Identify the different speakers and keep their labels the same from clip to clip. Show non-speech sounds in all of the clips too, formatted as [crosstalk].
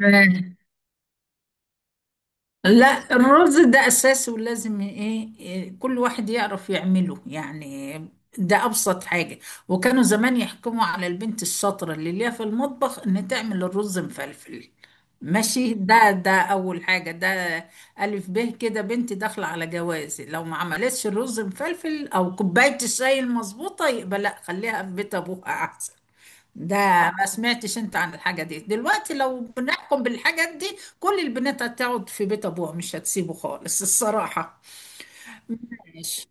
Speaker 1: آه. لا، الرز ده أساسي ولازم إيه إيه، كل واحد يعرف يعمله، يعني ده أبسط حاجة. وكانوا زمان يحكموا على البنت الشاطرة اللي ليها في المطبخ إن تعمل الرز مفلفل. ماشي، ده أول حاجة. ده ألف ب كده، بنتي داخلة على جوازي لو ما عملتش الرز مفلفل أو كوباية الشاي المظبوطة، يبقى لا، خليها في بيت أبوها أحسن. ده، ما سمعتش انت عن الحاجة دي؟ دلوقتي لو بنحكم بالحاجات دي، كل البنات هتقعد في بيت ابوها، مش هتسيبه خالص [laughs] الصراحة. ماشي.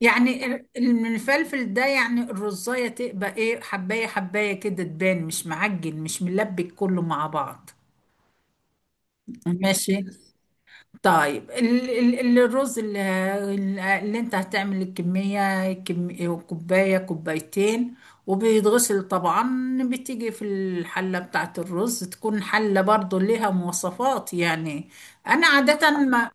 Speaker 1: يعني المفلفل ده، يعني الرزاية تبقى ايه، حباية حباية كده، تبان مش معجن، مش ملبك كله مع بعض. ماشي. طيب، الرز اللي انت هتعمل، الكمية كوباية، كوبايتين. وبيتغسل طبعا، بتيجي في الحلة بتاعت الرز، تكون حلة برضو ليها مواصفات يعني. انا عادة آه. ما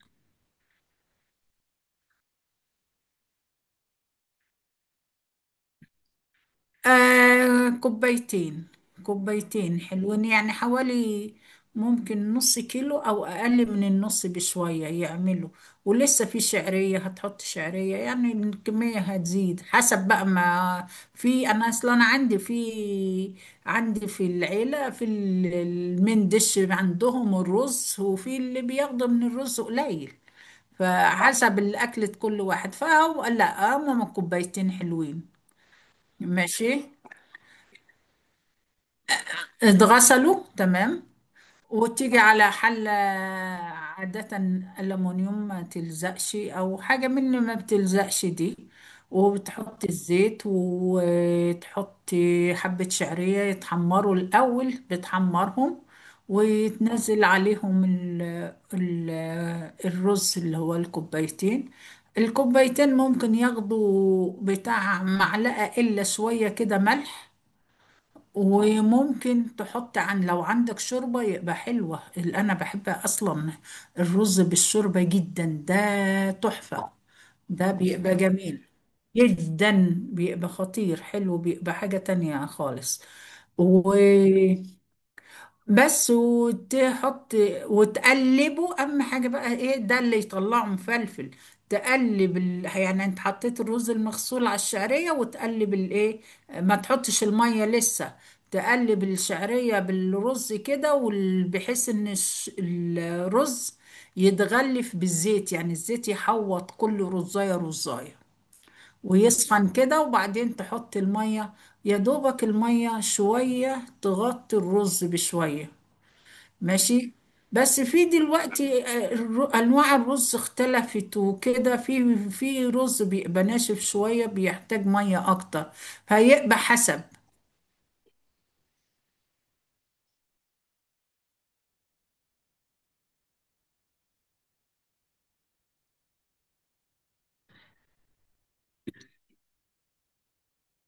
Speaker 1: آه، كوبايتين. كوبايتين حلوين يعني، حوالي ممكن نص كيلو أو أقل من النص بشوية يعملوا. ولسه في شعرية، هتحط شعرية، يعني الكمية هتزيد حسب بقى. ما في، أنا أصلا عندي في العيلة، في المندش عندهم الرز، وفي اللي بياخدوا من الرز قليل. فحسب الأكلة كل واحد، فهو لا، هما كوبايتين حلوين. ماشي. اتغسلوا، تمام. وتيجي على حلة عادة ألمونيوم ما تلزقش، أو حاجة من ما بتلزقش دي. وبتحط الزيت، وتحط حبة شعرية يتحمروا الأول، بتحمرهم. وتنزل عليهم ال ال الرز اللي هو الكوبايتين. الكوبايتين ممكن ياخدوا بتاع معلقة إلا شوية كده ملح. وممكن تحط، عن، لو عندك شوربة يبقى حلوة، اللي أنا بحبها أصلا الرز بالشوربة جدا، ده تحفة. ده بيبقى جميل جدا، بيبقى خطير حلو، بيبقى حاجة تانية خالص. بس. وتحط وتقلبه، اهم حاجه بقى ايه، ده اللي يطلعه مفلفل. تقلب ال... يعني انت حطيت الرز المغسول على الشعريه، وتقلب الايه. ما تحطش الميه لسه. تقلب الشعريه بالرز كده، بحيث ان الرز يتغلف بالزيت، يعني الزيت يحوط كل رزايه رزايه ويسخن كده، وبعدين تحط الميه. يا دوبك الميه شويه، تغطي الرز بشويه. ماشي. بس في دلوقتي آه، انواع الرز اختلفت وكده، في رز بيبقى ناشف شويه، بيحتاج ميه اكتر، فيبقى حسب.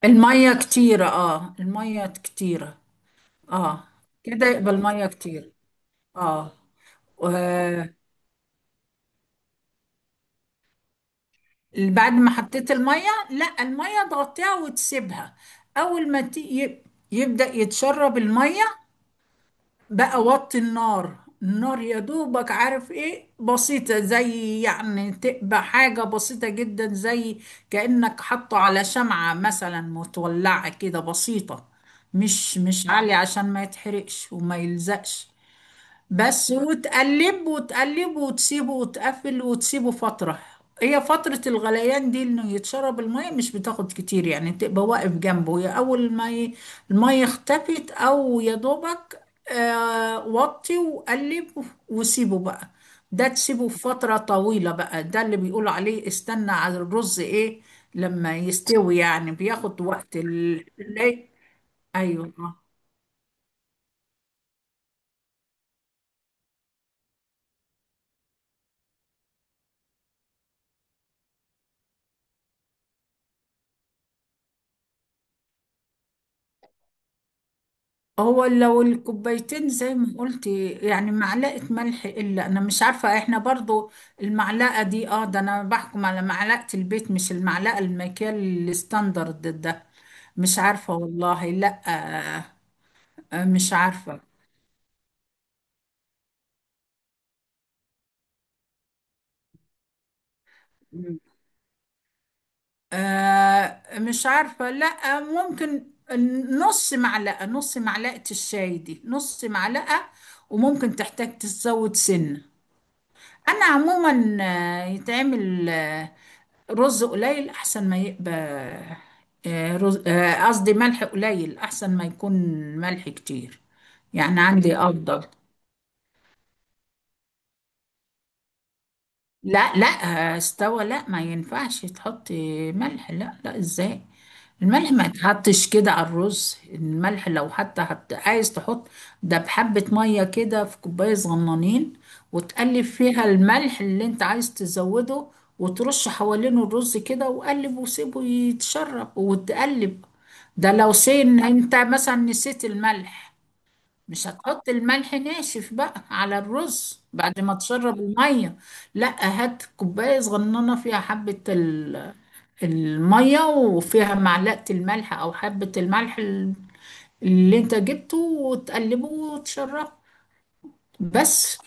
Speaker 1: الميه كتيره، اه الميه كتيره. اه، كده يبقى الميه كتير. اه. و- بعد ما حطيت الميه، لا، الميه تغطيها وتسيبها. اول ما يبدأ يتشرب الميه بقى، وطي النار. النار يا دوبك، عارف ايه، بسيطة، زي يعني تبقى حاجة بسيطة جدا، زي كأنك حاطه على شمعة مثلا متولعة كده، بسيطة. مش مش عالية عشان ما يتحرقش وما يلزقش. بس. وتقلب وتقلب وتسيبه وتقفل وتسيبه فترة. هي فترة الغليان دي، انه يتشرب المية مش بتاخد كتير، يعني تبقى واقف جنبه، يا اول ما المية اختفت او يا دوبك آه، وطي وقلب وسيبه بقى. ده تسيبه فترة طويلة بقى، ده اللي بيقولوا عليه استنى على الرز ايه لما يستوي، يعني بياخد وقت ال... ال-. ايوه. هو لو الكوبايتين زي ما قلتي، يعني معلقة ملح، إلا أنا مش عارفة إحنا برضو المعلقة دي. آه، ده أنا بحكم على معلقة البيت، مش المعلقة المكيال الستاندرد ده. مش عارفة والله، لأ آه، آه، مش عارفة. آه مش عارفة، لأ ممكن نص معلقة. نص معلقة الشاي دي، نص معلقة. وممكن تحتاج تزود سنة. أنا عموما آه، يتعمل آه، رز قليل احسن ما يبقى آه، رز آه، قصدي ملح قليل احسن ما يكون ملح كتير. يعني عندي ليه افضل. لا لا. آه، استوى، لا ما ينفعش تحطي ملح، لا لا، ازاي. الملح ما يتحطش كده على الرز. الملح لو حتى عايز تحط، ده بحبة مية كده في كوباية صغنانين، وتقلب فيها الملح اللي انت عايز تزوده، وترش حوالينه الرز كده، وقلب وسيبه يتشرب وتقلب. ده لو سين انت مثلا نسيت الملح، مش هتحط الملح ناشف بقى على الرز بعد ما تشرب المية. لا، هات كوباية صغننة فيها حبة المية، وفيها معلقة الملح أو حبة الملح اللي انت جبته، وتقلبه وتشربه بس.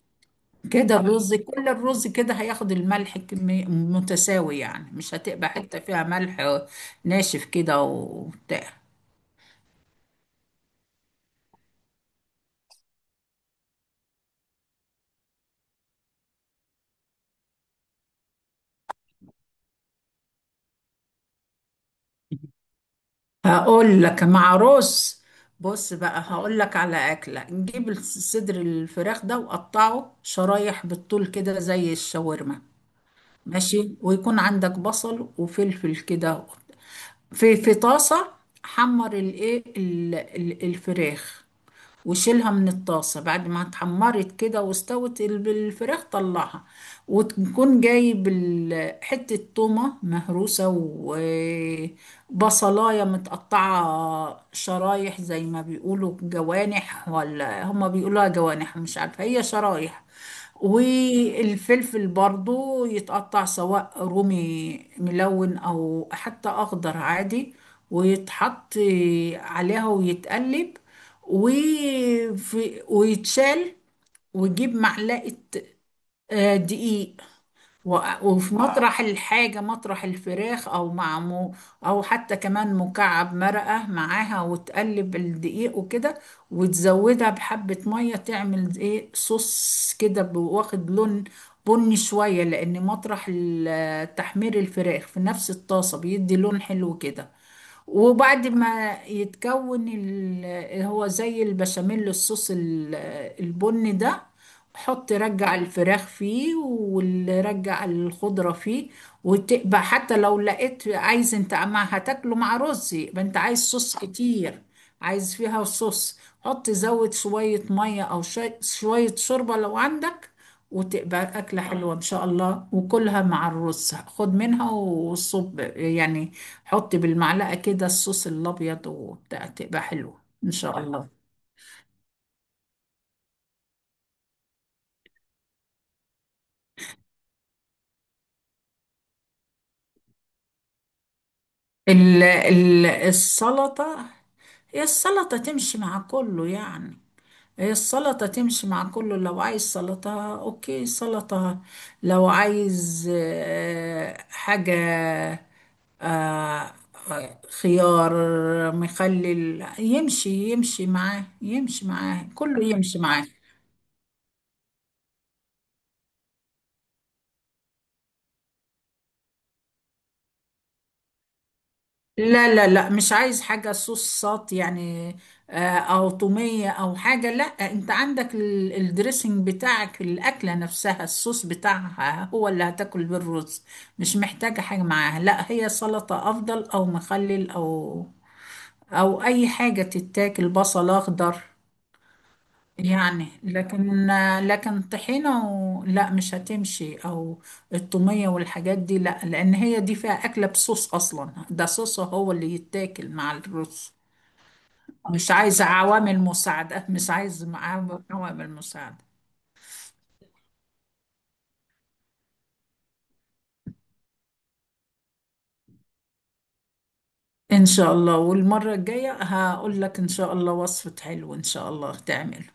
Speaker 1: كده الرز كل الرز كده هياخد الملح كمية متساوي، يعني مش هتبقى حتة فيها ملح ناشف كده وبتاع. هقول لك مع رز، بص بقى هقول لك على أكلة. نجيب صدر الفراخ ده وقطعه شرايح بالطول كده زي الشاورما. ماشي، ويكون عندك بصل وفلفل كده في في طاسة. حمر الايه الفراخ، وشيلها من الطاسة بعد ما اتحمرت كده، واستوت الفراخ، طلعها. وتكون جايب حتة تومة مهروسة، وبصلاية متقطعة شرايح زي ما بيقولوا جوانح، ولا هما بيقولوها جوانح، مش عارفة، هي شرايح. والفلفل برضو يتقطع، سواء رومي ملون او حتى اخضر عادي. ويتحط عليها ويتقلب، ويتشال. ويجيب معلقة آه، دقيق. وفي آه. مطرح الحاجة، مطرح الفراخ، أو مع مو، أو حتى كمان مكعب مرقة معاها، وتقلب الدقيق وكده، وتزودها بحبة مية، تعمل إيه صوص كده، واخد لون بني شوية، لأن مطرح ال تحمير الفراخ في نفس الطاسة بيدي لون حلو كده. وبعد ما يتكون هو زي البشاميل، الصوص البني ده، حط رجع الفراخ فيه ورجع الخضرة فيه. وتبقى حتى لو لقيت، عايز انت ما هتاكله مع رز يبقى انت عايز صوص كتير. عايز فيها صوص، حط زود شوية مية أو شوية شوية شوربة لو عندك. وتبقى أكلة حلوة إن شاء الله، وكلها مع الرز، خد منها وصب يعني، حط بالمعلقة كده الصوص الأبيض وبتاع، تبقى حلوة إن شاء الله. ال السلطة، هي السلطة تمشي مع كله يعني. هي السلطة تمشي مع كله. لو عايز سلطة اوكي سلطة. لو عايز آه، حاجة آه، خيار مخلل، يمشي يمشي معاه، يمشي معاه، كله يمشي معاه. لا لا لا، مش عايز حاجة صوصات يعني آه، أو طومية أو حاجة. لا، أنت عندك الدريسنج بتاعك، الأكلة نفسها الصوص بتاعها هو اللي هتاكل بالرز. مش محتاجة حاجة معاها، لا، هي سلطة أفضل، أو مخلل، أو أو أي حاجة تتاكل، بصل أخضر يعني. لكن، لكن طحينة و... لا مش هتمشي، او التومية والحاجات دي لا، لان هي دي فيها اكلة بصوص اصلا، ده صوص هو اللي يتاكل مع الرز. مش عايزة عوامل مساعدة، مش عايزة معاه عوامل مساعدة. ان شاء الله، والمرة الجاية هقول لك ان شاء الله وصفة حلو، ان شاء الله تعمله.